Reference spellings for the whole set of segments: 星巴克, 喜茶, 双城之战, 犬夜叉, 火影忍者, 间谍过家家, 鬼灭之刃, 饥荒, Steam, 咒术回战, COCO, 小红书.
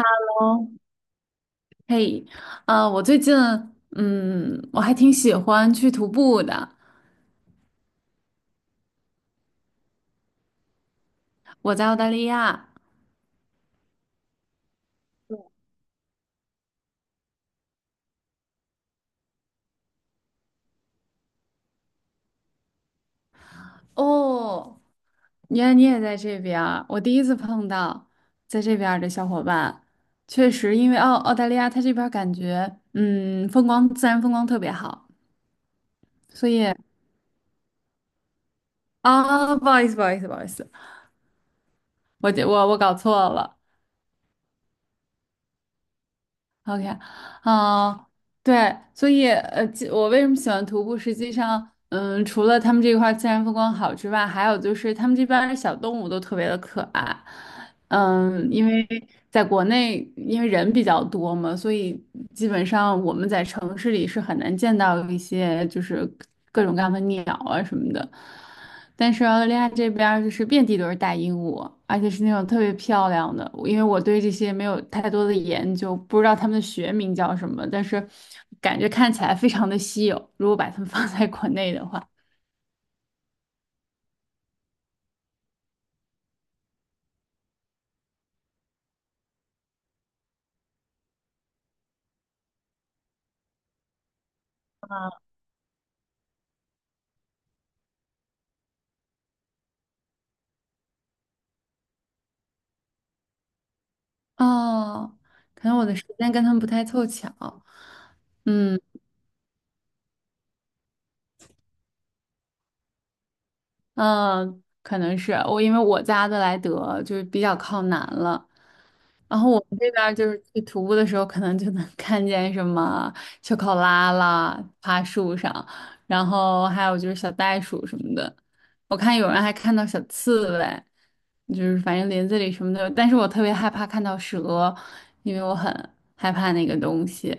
哦，嘿，我最近，我还挺喜欢去徒步的。我在澳大利亚，哦，原来你也在这边儿，我第一次碰到在这边儿的小伙伴。确实，因为澳大利亚它这边儿感觉，自然风光特别好，所以啊，不好意思，不好意思，不好意思，我搞错了，OK，嗯，对，所以我为什么喜欢徒步？实际上，除了他们这块儿自然风光好之外，还有就是他们这边儿的小动物都特别的可爱，因为在国内，因为人比较多嘛，所以基本上我们在城市里是很难见到一些就是各种各样的鸟啊什么的。但是澳大利亚这边儿就是遍地都是大鹦鹉，而且是那种特别漂亮的。因为我对这些没有太多的研究，不知道它们的学名叫什么，但是感觉看起来非常的稀有。如果把它们 放在国内的话，哦，可能我的时间跟他们不太凑巧。嗯。嗯，可能是我，因为我在阿德莱德就是比较靠南了，然后我们这边儿就是去徒步的时候，可能就能 看见什么秋考拉啦，爬树上，然后还有就是小袋鼠什么的，我看有人还看到小刺猬，就是反正林子里什么的，但是我特别害怕看到蛇，因为我很害怕那个东西。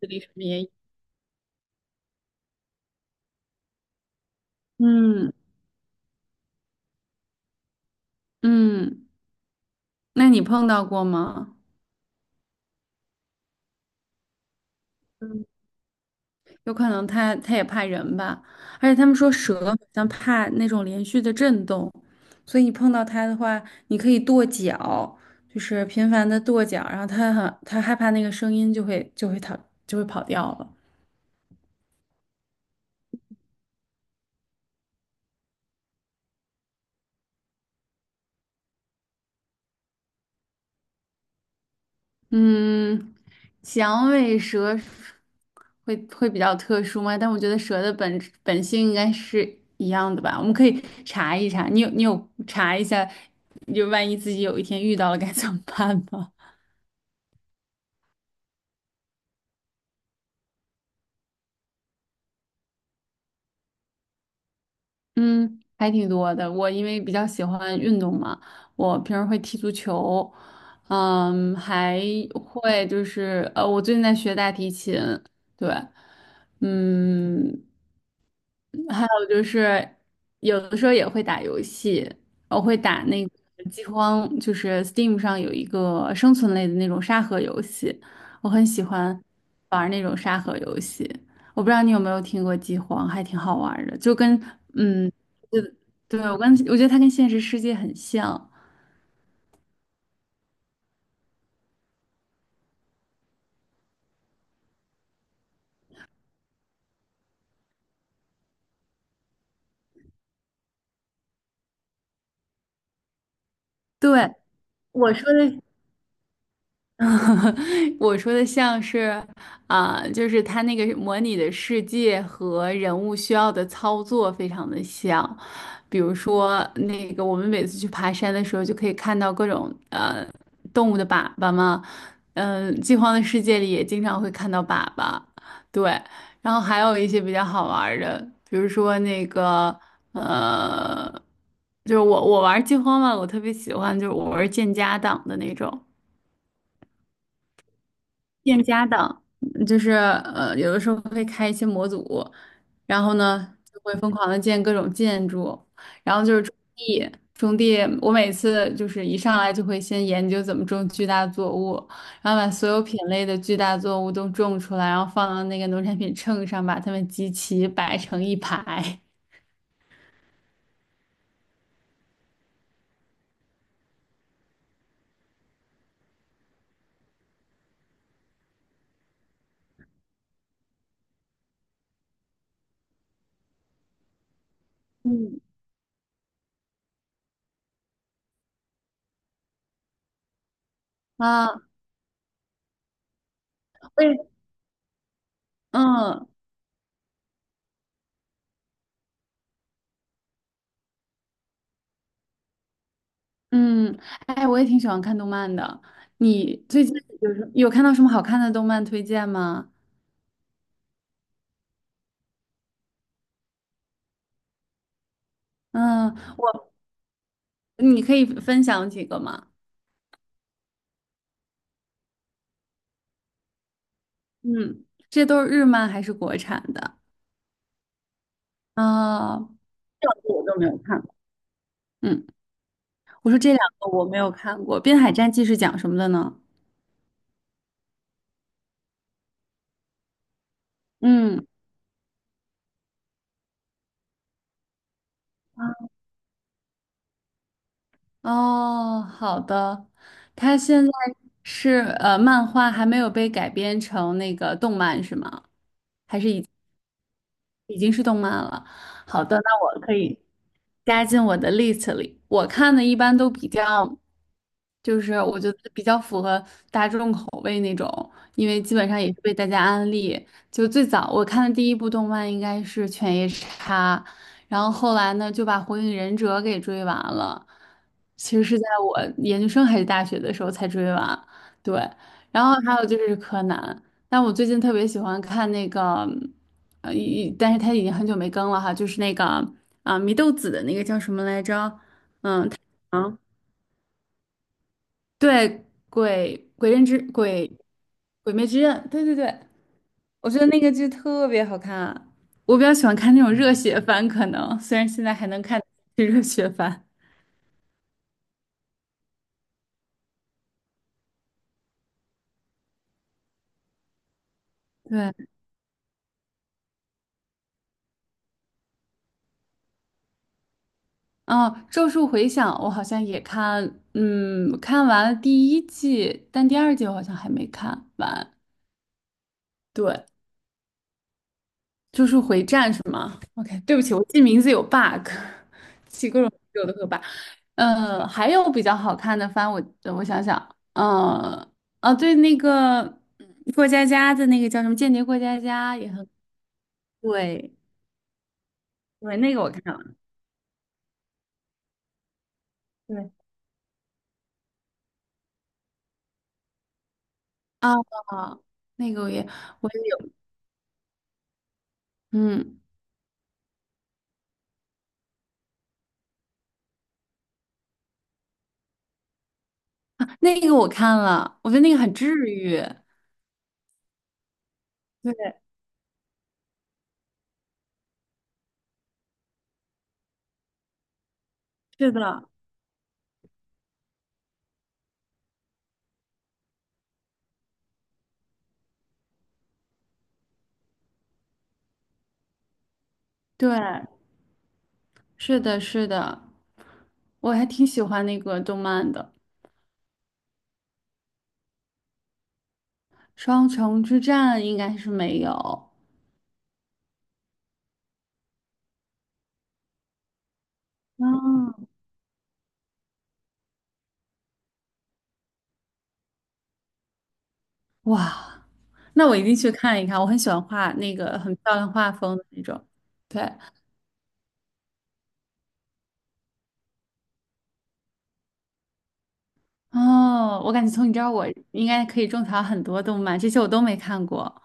这里什么也有，嗯嗯，那你碰到过吗？有可能它也怕人吧，而且他们说蛇好像怕那种连续的震动，所以你碰到它的话，你可以跺脚，就是频繁的跺脚，然后它害怕那个声音就会跑掉了。嗯，响尾蛇会比较特殊吗？但我觉得蛇的本性应该是一样的吧。我们可以查一查，你有查一下，就万一自己有一天遇到了该怎么办吗？嗯，还挺多的。我因为比较喜欢运动嘛，我平时会踢足球，还会就是我最近在学大提琴，对，嗯，还有就是有的时候也会打游戏，我会打那个饥荒，就是 Steam 上有一个生存类的那种沙盒游戏，我很喜欢玩那种沙盒游戏。我不知道你有没有听过饥荒，还挺好玩儿的，就跟。嗯。对，我觉得它跟现实世界很像。对，我说的 我说的像是，啊、就是它那个模拟的世界和人物需要的操作非常的像。比如说，那个我们每次去爬山的时候，就可以看到各种动物的粑粑嘛。饥荒的世界里也经常会看到粑粑。对，然后还有一些比较好玩儿的，比如说那个呃，就是我玩儿饥荒嘛，我特别喜欢，就是我玩儿建家党的那种。店家的，就是有的时候会开一些模组，然后呢就会疯狂的建各种建筑，然后就是种地，种地，我每次就是一上来就会先研究怎么种巨大作物，然后把所有品类的巨大作物都种出来，然后放到那个农产品秤上，把它们集齐摆成一排。嗯啊，为嗯嗯，哎，我也挺喜欢看动漫的。你最近有看到什么好看的动漫推荐吗？嗯，我你可以分享几个吗？嗯，这都是日漫还是国产的？啊、这两个我都没有看过。嗯，我说这两个我没有看过，《滨海战记》是讲什么的呢？嗯，哦，好的，它现在是漫画还没有被改编成那个动漫是吗？已经是动漫了。好的，那我可以加进我的 list 里。我看的一般都比较，就是我觉得比较符合大众口味那种，因为基本上也是被大家安利。就最早我看的第一部动漫应该是《犬夜叉》，然后后来呢就把《火影忍者》给追完了。其实是在我研究生还是大学的时候才追完，对。然后还有就是柯南。但我最近特别喜欢看那个，但是它已经很久没更了哈，就是那个啊，祢豆子的那个叫什么来着？啊，对，鬼灭之刃，对对对，我觉得那个剧特别好看，我比较喜欢看那种热血番，可能虽然现在还能看是热血番。对，哦，《咒术回响》我好像也看，看完了第一季，但第二季我好像还没看完。对，就是回战是吗？OK，对不起，我记名字有 bug，起各种有的和 bug。还有比较好看的番，我想想，啊，对，那个过家家的那个叫什么《间谍过家家》也很对，对，那个我看了，对啊，那个我也有，嗯那个我看了，我觉得那个很治愈，对，是的，对，是的，是的，我还挺喜欢那个动漫的。双城之战应该是没有。哦，哇，那我一定去看一看。我很喜欢画那个很漂亮画风的那种。对，哦，我感觉从你这儿我应该可以种草很多动漫，这些我都没看过。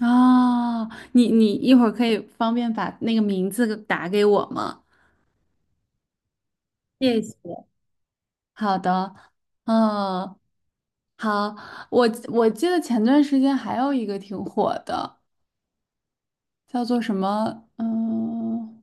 哦，你一会儿可以方便把那个名字打给我吗？谢谢。好的，嗯，好，我记得前段时间还有一个挺火的，叫做什么？嗯。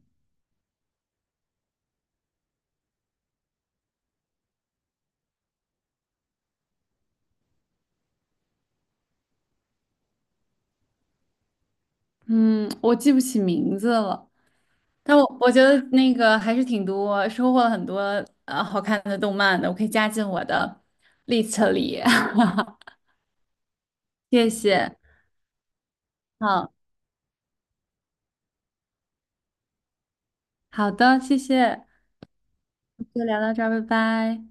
嗯，我记不起名字了，但我觉得那个还是挺多，收获了很多好看的动漫的，我可以加进我的 list 里。谢谢，好好的，谢谢，就聊到这儿，拜拜。